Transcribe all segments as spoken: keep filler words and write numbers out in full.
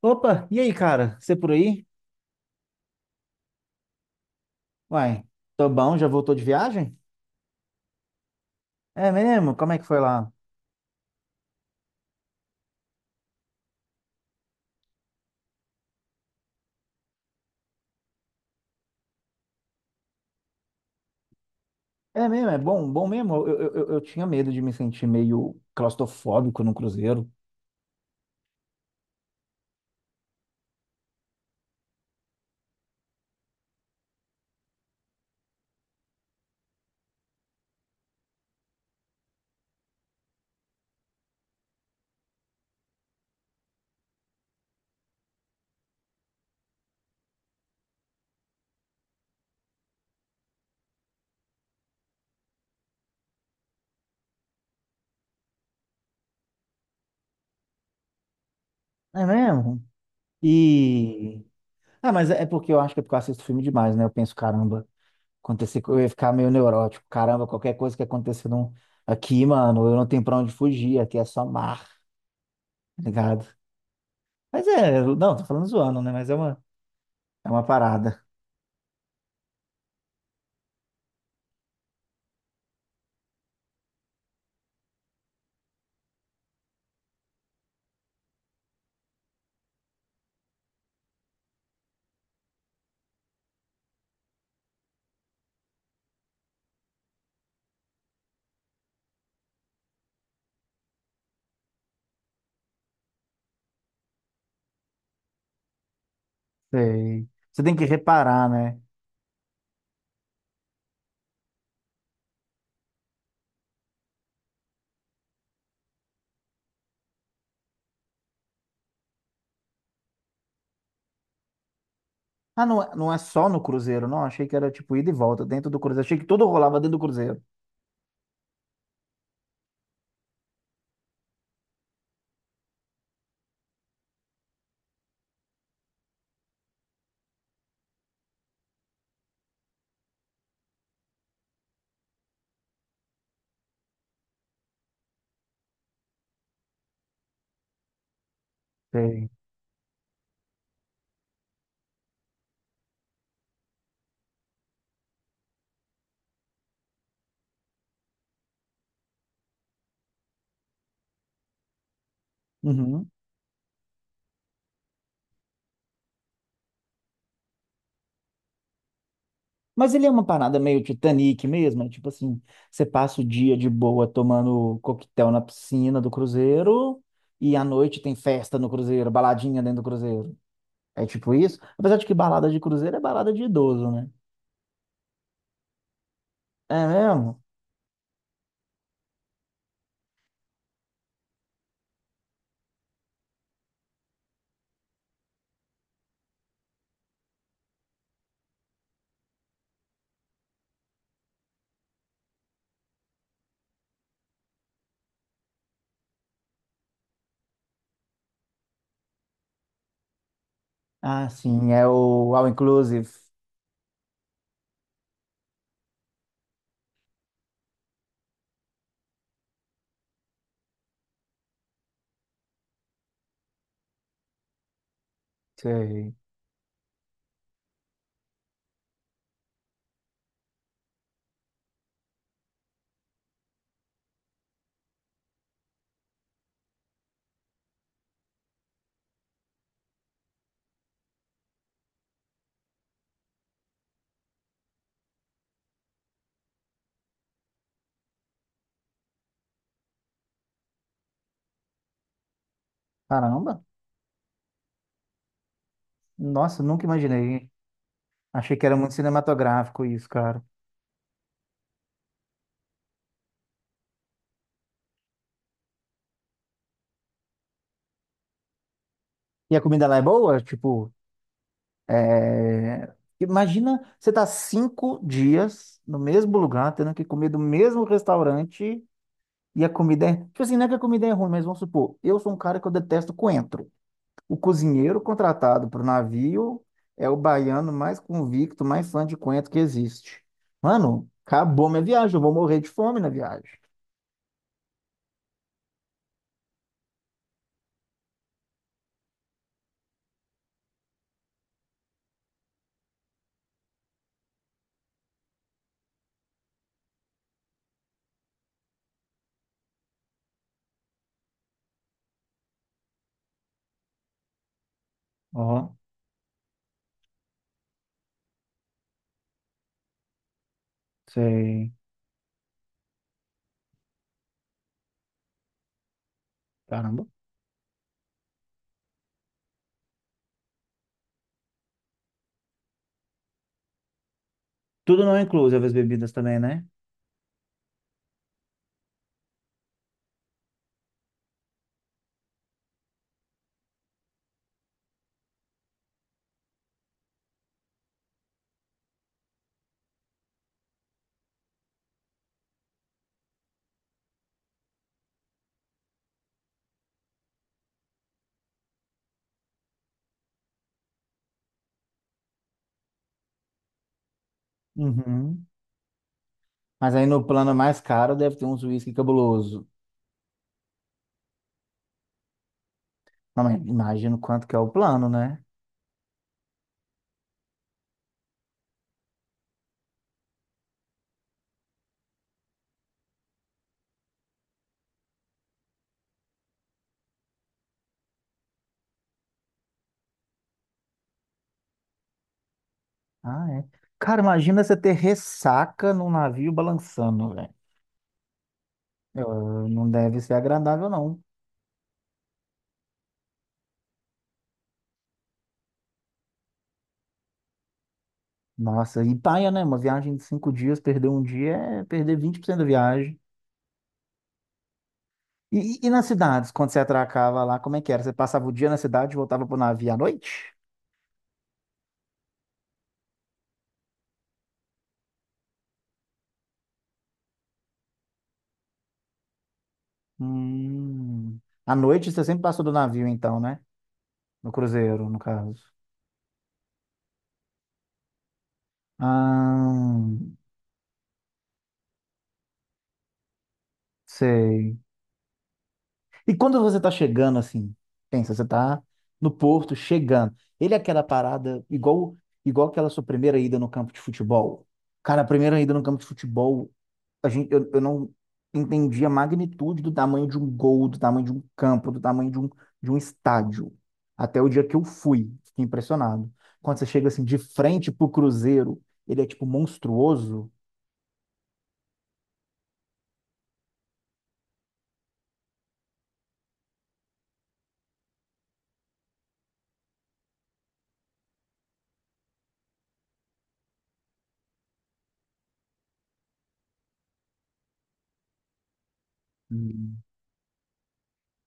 Opa, e aí, cara? Você por aí? Uai, tô bom, já voltou de viagem? É mesmo? Como é que foi lá? É mesmo, é bom, bom mesmo. Eu, eu, eu eu tinha medo de me sentir meio claustrofóbico no cruzeiro. É mesmo? E. Ah, mas é porque eu acho que é porque eu assisto filme demais, né? Eu penso, caramba, acontecer, co- eu ia ficar meio neurótico. Caramba, qualquer coisa que acontecer não- aqui, mano, eu não tenho pra onde fugir, aqui é só mar, tá ligado? Mas é, não, tô falando zoando, né? Mas é uma, é uma parada. Sei. Você tem que reparar, né? Ah, não, é- não é só no Cruzeiro, não. Achei que era tipo ida e volta dentro do Cruzeiro. Achei que tudo rolava dentro do Cruzeiro. Tem. Uhum. Mas ele é uma parada meio Titanic mesmo, é tipo assim, você passa o dia de boa tomando coquetel na piscina do cruzeiro e à noite tem festa no cruzeiro, baladinha dentro do cruzeiro. É tipo isso? Apesar de que balada de cruzeiro é balada de idoso, né? É mesmo? Ah, sim, é o All Inclusive. Sei. Caramba. Nossa, nunca imaginei. Achei que era muito cinematográfico isso, cara. E a comida lá é boa? Tipo, é, imagina você tá cinco dias no mesmo lugar, tendo que comer do mesmo restaurante e a comida é. Tipo assim, não é que a comida é ruim, mas vamos supor, eu sou um cara que eu detesto coentro. O cozinheiro contratado para o navio é o baiano mais convicto, mais fã de coentro que existe. Mano, acabou minha viagem, eu vou morrer de fome na viagem. Ó, sei. Caramba. Tudo não incluso, as bebidas também, né? Uhum. Mas aí no plano mais caro deve ter uns uísque cabuloso. Não, mas imagina quanto que é o plano, né? Ah, é. Cara, imagina você ter ressaca num navio balançando, velho. Eu- Não deve ser agradável, não. Nossa, e paia, né? Uma viagem de cinco dias, perder um dia é perder vinte por cento da viagem. E, e, e nas cidades, quando você atracava lá, como é que era? Você passava o dia na cidade e voltava pro navio à noite? Hum. À noite você sempre passou do navio, então, né? No cruzeiro, no caso. Ah, sei. E quando você tá chegando assim, pensa, você tá no Porto chegando. Ele é aquela parada igual igual aquela sua primeira ida no campo de futebol. Cara, a primeira ida no campo de futebol, a gente, eu, eu não entendi a magnitude do tamanho de um gol, do tamanho de um campo, do tamanho de um, de um estádio. Até o dia que eu fui, fiquei impressionado. Quando você chega assim de frente pro Cruzeiro, ele é tipo monstruoso. Hum.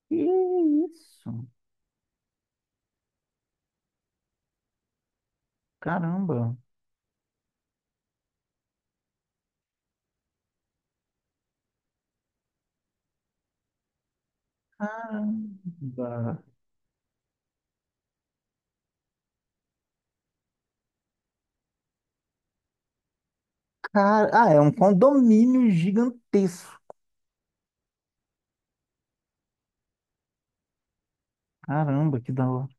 Que isso? Caramba. Caramba. Cara, ah, é um condomínio gigantesco. Caramba, que da hora.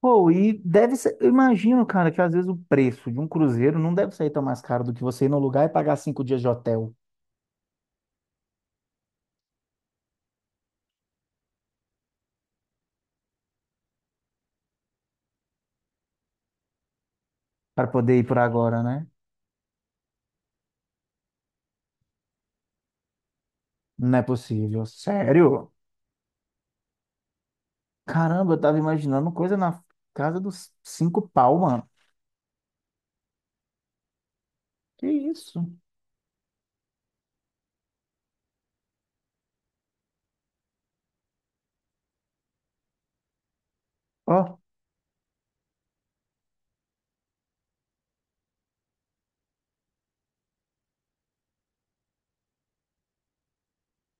Pô, e deve ser. Eu imagino, cara, que às vezes o preço de um cruzeiro não deve sair tão mais caro do que você ir no lugar e pagar cinco dias de hotel para poder ir por agora, né? Não é possível. Sério? Caramba, eu tava imaginando coisa na casa dos cinco pau, mano. Que isso? Ó,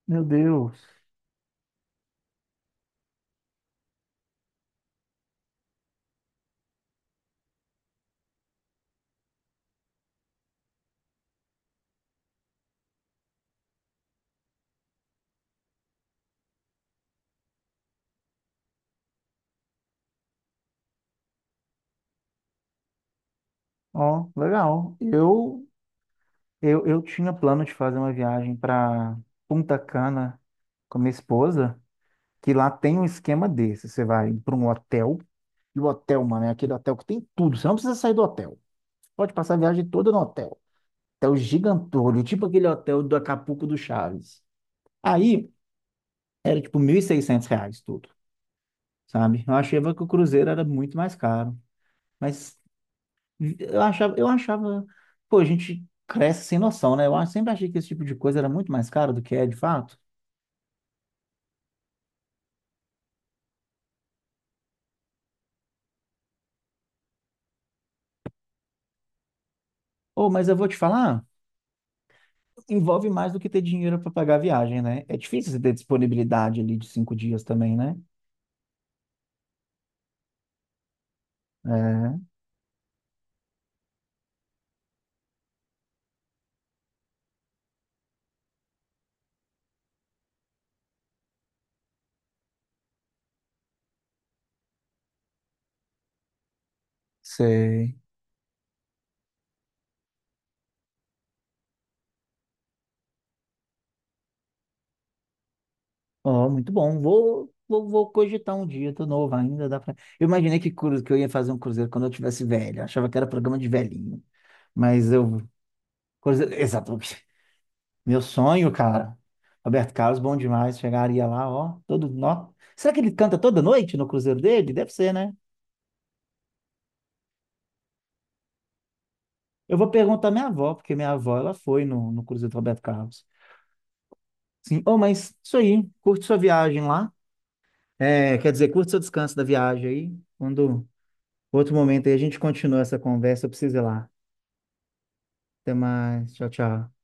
meu Deus. Ó, legal. Eu, eu, eu tinha plano de fazer uma viagem para Punta Cana com minha esposa. Que lá tem um esquema desse. Você vai para um hotel, e o hotel, mano, é aquele hotel que tem tudo. Você não precisa sair do hotel. Pode passar a viagem toda no hotel. Hotel gigantolho, tipo aquele hotel do Acapulco do Chaves. Aí era tipo mil e seiscentos reais tudo, sabe? Eu achava que o cruzeiro era muito mais caro. Mas eu achava, eu achava, pô, a gente cresce sem noção, né? Eu sempre achei que esse tipo de coisa era muito mais caro do que é de fato. Ô, mas eu vou te falar. Envolve mais do que ter dinheiro para pagar a viagem, né? É difícil você ter disponibilidade ali de cinco dias também, né? É, sei. Ó, muito bom. Vou, vou, vou cogitar um dia, tô novo ainda, dá pra... Eu imaginei que, cru- que eu ia fazer um cruzeiro quando eu tivesse velho. Eu achava que era programa de velhinho. Mas eu... Cruzeiro... Exato. Meu sonho, cara. Roberto Carlos, bom demais. Chegaria lá, ó, todo... Nó. Será que ele canta toda noite no cruzeiro dele? Deve ser, né? Eu vou perguntar à minha avó, porque minha avó, ela foi no, no cruzeiro do Roberto Carlos. Sim. Oh, mas isso aí, curte sua viagem lá. É, quer dizer, curte seu descanso da viagem aí. Quando outro momento aí a gente continua essa conversa, eu preciso ir lá. Até mais. Tchau, tchau.